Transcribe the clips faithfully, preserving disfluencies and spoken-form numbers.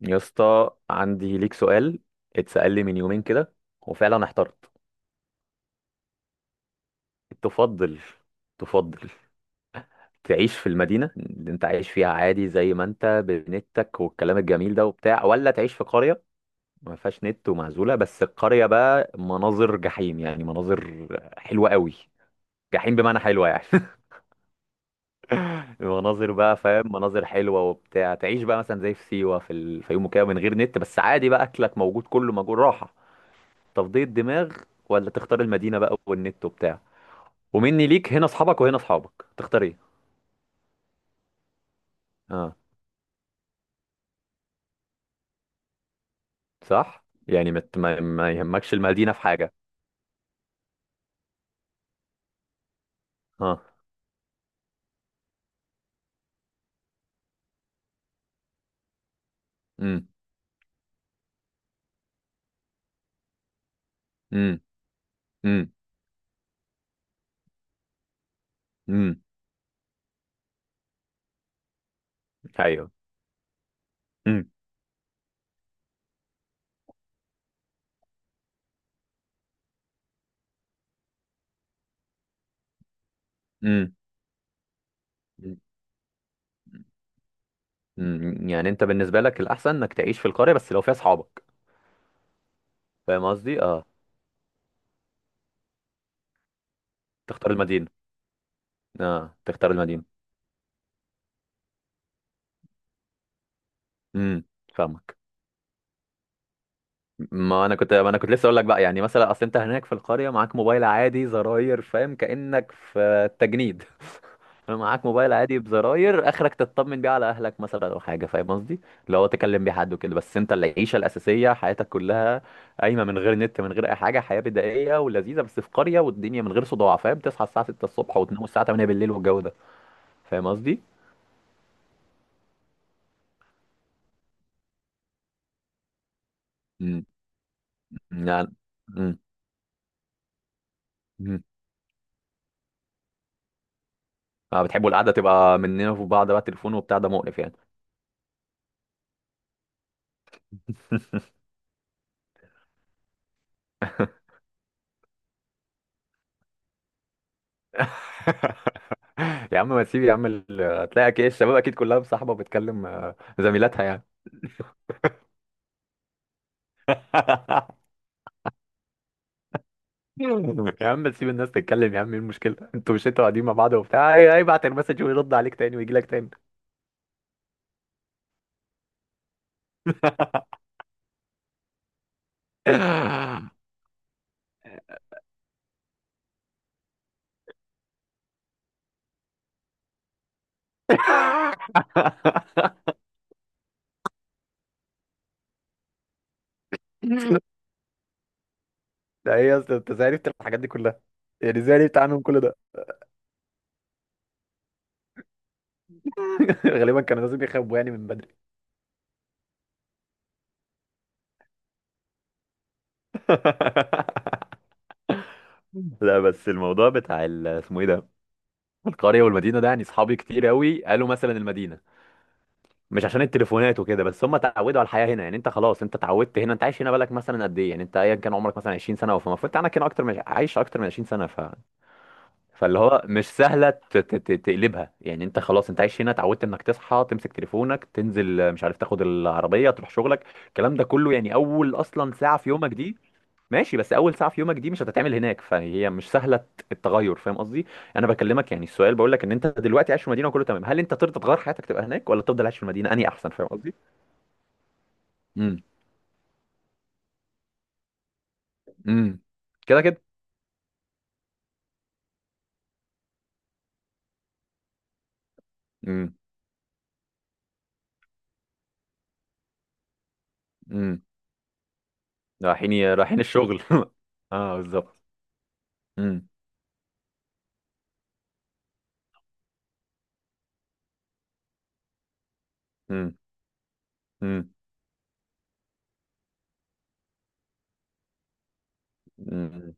يا اسطى، عندي ليك سؤال اتسأل لي من يومين كده، وفعلا احترت. تفضل، تفضل. تعيش في المدينة اللي انت عايش فيها عادي زي ما انت بنتك والكلام الجميل ده وبتاع، ولا تعيش في قرية ما فيهاش نت ومعزولة؟ بس القرية بقى مناظر جحيم، يعني مناظر حلوة قوي. جحيم بمعنى حلوة يعني مناظر بقى، فاهم؟ مناظر حلوة وبتاع. تعيش بقى مثلا زي في سيوة، في الفيوم وكده، من غير نت، بس عادي بقى، اكلك موجود، كله موجود، راحة، تفضية دماغ. ولا تختار المدينة بقى والنت وبتاع، ومني ليك هنا اصحابك وهنا اصحابك، تختار ايه؟ اه. صح. يعني مت ما, ما يهمكش المدينة في حاجة. اه. امم امم امم امم ايوه. امم امم امم يعني انت بالنسبة لك الاحسن انك تعيش في القرية بس لو فيها اصحابك؟ فاهم قصدي؟ اه، تختار المدينة. اه، تختار المدينة. امم فاهمك. ما انا كنت ما انا كنت لسه اقول لك بقى، يعني مثلا اصل انت هناك في القريه، معاك موبايل عادي زراير، فاهم؟ كانك في التجنيد معاك موبايل عادي بزراير، اخرك تطمن بيه على اهلك مثلا، او حاجه، فاهم قصدي؟ لو تكلم بيه حد وكده، بس انت العيشه الاساسيه، حياتك كلها قايمه من غير نت، من غير اي حاجه، حياه بدائيه ولذيذه، بس في قريه، والدنيا من غير صداع، فاهم؟ تصحى الساعه ستة الصبح وتنام الساعه تمانية بالليل والجو ده، فاهم قصدي؟ امم يعني. امم امم اه، بتحبوا القعده تبقى مننا في بعض، بقى تليفون وبتاع ده مقرف يعني يا عم ما تسيب يا عم، ال- هتلاقي أكي- الشباب اكيد كلها مصاحبه وبتكلم آه، زميلاتها يعني يا عم تسيب الناس تتكلم يا عم، ايه المشكله، انتوا مش انتوا قاعدين مع بعض وبتاع، هي- هيبعت المسج ويرد عليك تاني ويجي لك تاني. ده ايه يا اسطى، انت ازاي عرفت الحاجات دي كلها؟ يعني ازاي عرفت عنهم كل ده؟ غالبا كانوا لازم يخبوا يعني من بدري. لا بس الموضوع بتاع ال- اسمه ايه ده، القريه والمدينه ده، يعني اصحابي كتير قوي قالوا مثلا المدينه، مش عشان التليفونات وكده، بس هم اتعودوا على الحياه هنا، يعني انت خلاص انت اتعودت هنا، انت عايش هنا، بالك مثلا قد ايه؟ يعني انت ايا كان عمرك مثلا عشرين سنه، فالمفروض عندك هنا اكتر من عايش اكتر من عشرين سنه، ف... فاللي هو مش سهله ت... ت... ت- تقلبها، يعني انت خلاص انت عايش هنا، اتعودت انك تصحى تمسك تليفونك تنزل مش عارف تاخد العربيه تروح شغلك، الكلام ده كله، يعني اول اصلا ساعه في يومك دي، ماشي، بس اول ساعه في يومك دي مش هتتعمل هناك، فهي مش سهله التغير، فاهم قصدي؟ انا بكلمك يعني، السؤال بقول لك ان انت دلوقتي عايش في المدينه وكله تمام، هل انت ترضى تغير حياتك تبقى هناك، ولا تفضل عايش في المدينه؟ انهي احسن؟ فاهم قصدي؟ امم امم كده كده. امم امم رايحين، رايحين الشغل اه بالظبط. امم امم امم امم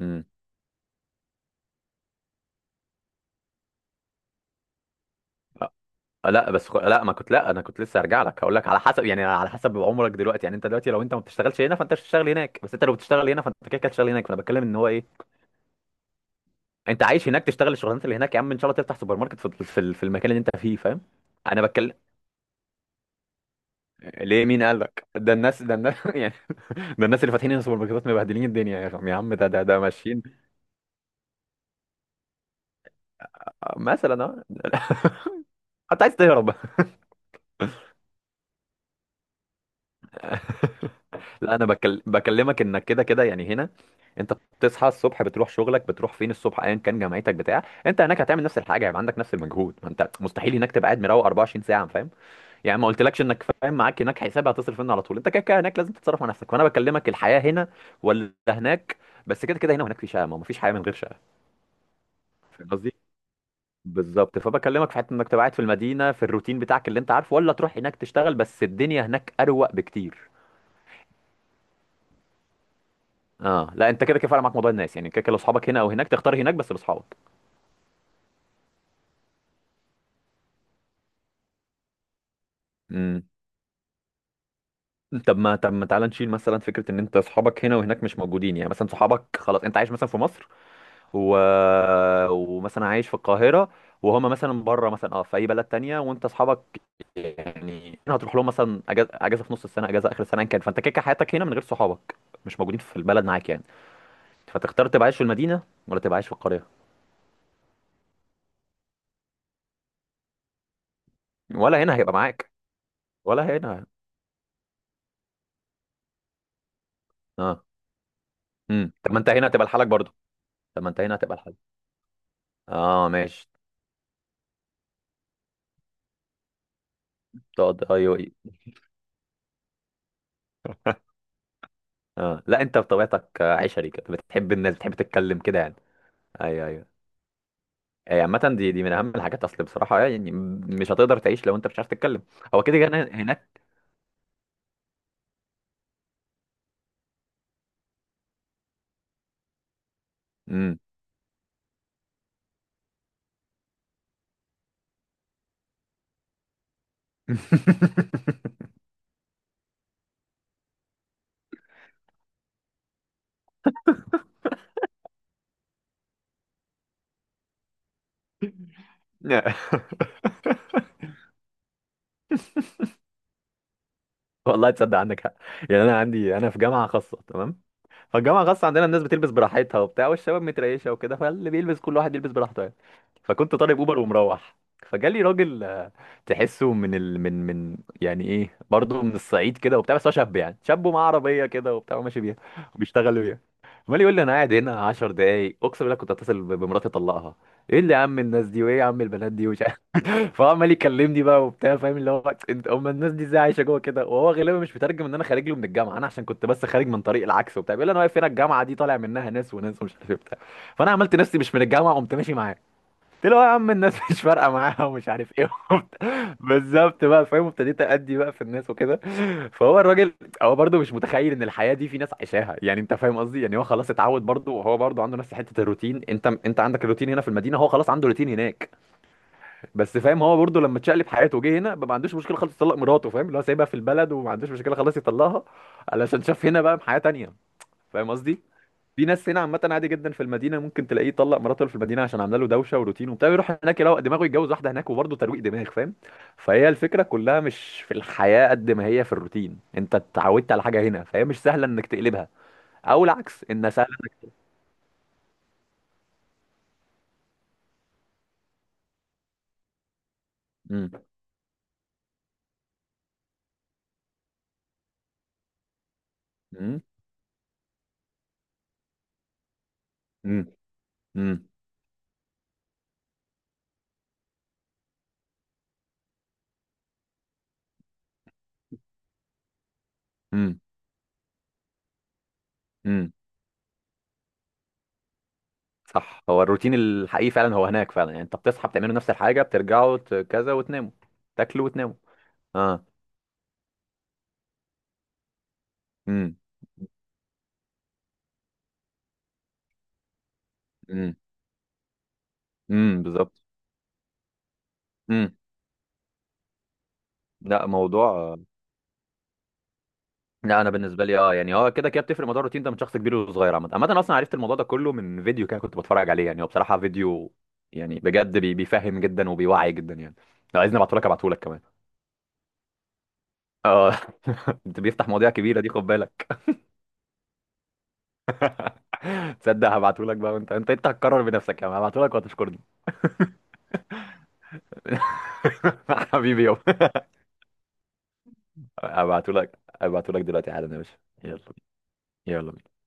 امم آه، لا بس خ... لا ما كنت، لا انا كنت لسه هرجع لك هقول لك على حسب، يعني على حسب عمرك دلوقتي، يعني انت دلوقتي لو انت ما بتشتغلش هنا فانت مش هتشتغل هناك، بس انت لو بتشتغل هنا فانت كده كده هتشتغل هناك، فانا بتكلم ان هو ايه، انت عايش هناك تشتغل الشغلانات اللي هناك، يا عم ان شاء الله تفتح سوبر ماركت في في, ال- في المكان اللي انت فيه، فاهم؟ انا بتكلم. ليه؟ مين قال لك ده الناس؟ ده الناس يعني، ده الناس اللي فاتحين هنا سوبر ماركتات مبهدلين الدنيا يا عم، يا عم ده ده ده ماشيين مثلا، اه انت عايز تهرب؟ لا انا بكل... بكلمك انك كده كده يعني هنا، انت بتصحى الصبح بتروح شغلك، بتروح فين الصبح ايا كان جامعتك بتاع، انت هناك هتعمل نفس الحاجه، هيبقى عندك نفس المجهود، ما انت مستحيل هناك تبقى قاعد مروق أربعة وعشرين ساعه، فاهم؟ يعني ما قلتلكش انك فاهم، معاك هناك حساب هتصرف منه على طول، انت كده كده هناك لازم تتصرف على نفسك، فانا بكلمك الحياه هنا ولا هناك؟ بس كده كده هنا وهناك في شقه، ما مفيش حياه من غير شقه، فاهم قصدي؟ بالظبط، فبكلمك في حته انك تبقى قاعد في المدينه في الروتين بتاعك اللي انت عارفه، ولا تروح هناك تشتغل، بس الدنيا هناك اروق بكتير. اه لا، انت كده كده فعلا معاك موضوع الناس، يعني كده كده لو اصحابك هنا او هناك تختار هناك بس باصحابك. امم طب ما، طب ما تعالى نشيل مثلا فكره ان انت اصحابك هنا وهناك مش موجودين، يعني مثلا صحابك خلاص انت عايش مثلا في مصر و... ومثلا عايش في القاهره، وهما مثلا بره مثلا، اه، في اي بلد تانية وانت اصحابك، يعني هنا هتروح لهم مثلا اجازه، اجازه في نص السنه، اجازه اخر السنه ان كان، فانت كده كده حياتك هنا من غير صحابك، مش موجودين في البلد معاك يعني، فتختار تبقى عايش في المدينه ولا تبقى عايش في القريه؟ ولا هنا هيبقى معاك؟ ولا هنا؟ اه. امم طب ما انت هنا هتبقى لحالك برضه؟ طب ما انت هنا هتبقى الحل. اه ماشي. تقعد، ايوه، اي. اه لا، انت بطبيعتك آه، عشري كده، بتحب الناس، بتحب تتكلم كده يعني. ايوه، ايوه، اي. عامة دي دي من اهم الحاجات، اصل بصراحة يعني م- مش هتقدر تعيش لو انت مش عارف تتكلم. هو كده كده هناك. امم والله تصدق، عندك حق. يعني انا عندي، انا في جامعه خاصه تمام، فالجامعه الخاصه عندنا الناس بتلبس براحتها وبتاع، والشباب متريشه وكده، فاللي بيلبس كل واحد يلبس براحته يعني. فكنت طالب اوبر ومروح، فجالي راجل آه، تحسه من ال... من من يعني ايه برضه، من الصعيد كده وبتاع، بس هو شاب يعني، شاب ومعاه عربيه كده وبتاع وماشي بيها وبيشتغل بيها. عمال يقول لي انا قاعد هنا عشر دقايق اقسم بالله كنت اتصل ب- بمراتي اطلقها. ايه اللي يا عم الناس دي، وايه يا عم البنات دي، ومش عارف فهو عمال يكلمني بقى وبتاع، فاهم اللي هو انت، هم الناس دي ازاي عايشه جوه كده؟ وهو غالبا مش مترجم ان انا خارج له من الجامعه، انا عشان كنت بس خارج من طريق العكس وبتاع، بيقول لي انا واقف هنا الجامعه دي طالع منها ناس وناس ومش عارف إيه وبتاع، فانا عملت نفسي مش من الجامعه، قمت ماشي معاه، قلت له يا عم الناس مش فارقه معاها ومش عارف ايه وبتاع. بالظبط بقى فاهم، وابتديت ادي بقى في الناس وكده. فهو الراجل، هو برضه مش متخيل ان الحياه دي في ناس عايشاها، يعني انت فاهم قصدي، يعني هو خلاص اتعود برضه، وهو برضه عنده نفس حته الروتين، انت انت عندك الروتين هنا في المدينه، هو خلاص عنده روتين هناك، بس فاهم، هو برضه لما اتشقلب حياته وجه هنا بقى، ما عندوش مشكله خالص يطلق مراته، فاهم اللي هو سايبها في البلد وما عندوش مشكله، خلاص يطلقها، علشان شاف هنا بقى حياه تانيه، فاهم قصدي؟ في ناس هنا عامة عادي جدا، في المدينة ممكن تلاقيه طلق مراته اللي في المدينة عشان عاملة له دوشة وروتين وبتاع، يروح هناك يروق دماغه، يتجوز واحدة هناك، وبرضه ترويق دماغ، فاهم؟ فهي الفكرة كلها مش في الحياة قد ما هي في الروتين، انت اتعودت على حاجة هنا فهي مش سهلة انك تقلبها، او العكس انها سهلة. امم امم امم امم امم امم صح، هو الروتين الحقيقي فعلا هو هناك فعلا، يعني انت بتصحى بتعملوا نفس الحاجة بترجعوا ت- كذا وتناموا، تاكلوا وتناموا. اه. امم امم امم بالظبط. امم لا موضوع. لا انا بالنسبه لي اه، يعني هو كده كده بتفرق، موضوع الروتين ده من شخص كبير وصغير عامه، عامه انا اصلا عرفت الموضوع ده كله من فيديو كده كنت بتفرج عليه، يعني هو بصراحه فيديو يعني بجد بي- بيفهم جدا وبيوعي جدا يعني، لو عايزني ابعته لك ابعته لك كمان. اه انت بيفتح مواضيع كبيره دي، خد بالك. تصدق هبعته لك بقى، وانت انت انت هتكرر بنفسك، يعني هبعته لك وهتشكرني حبيبي يابا. هبعته لك، هبعته لك دلوقتي حالا يا باشا. يلا، يلا.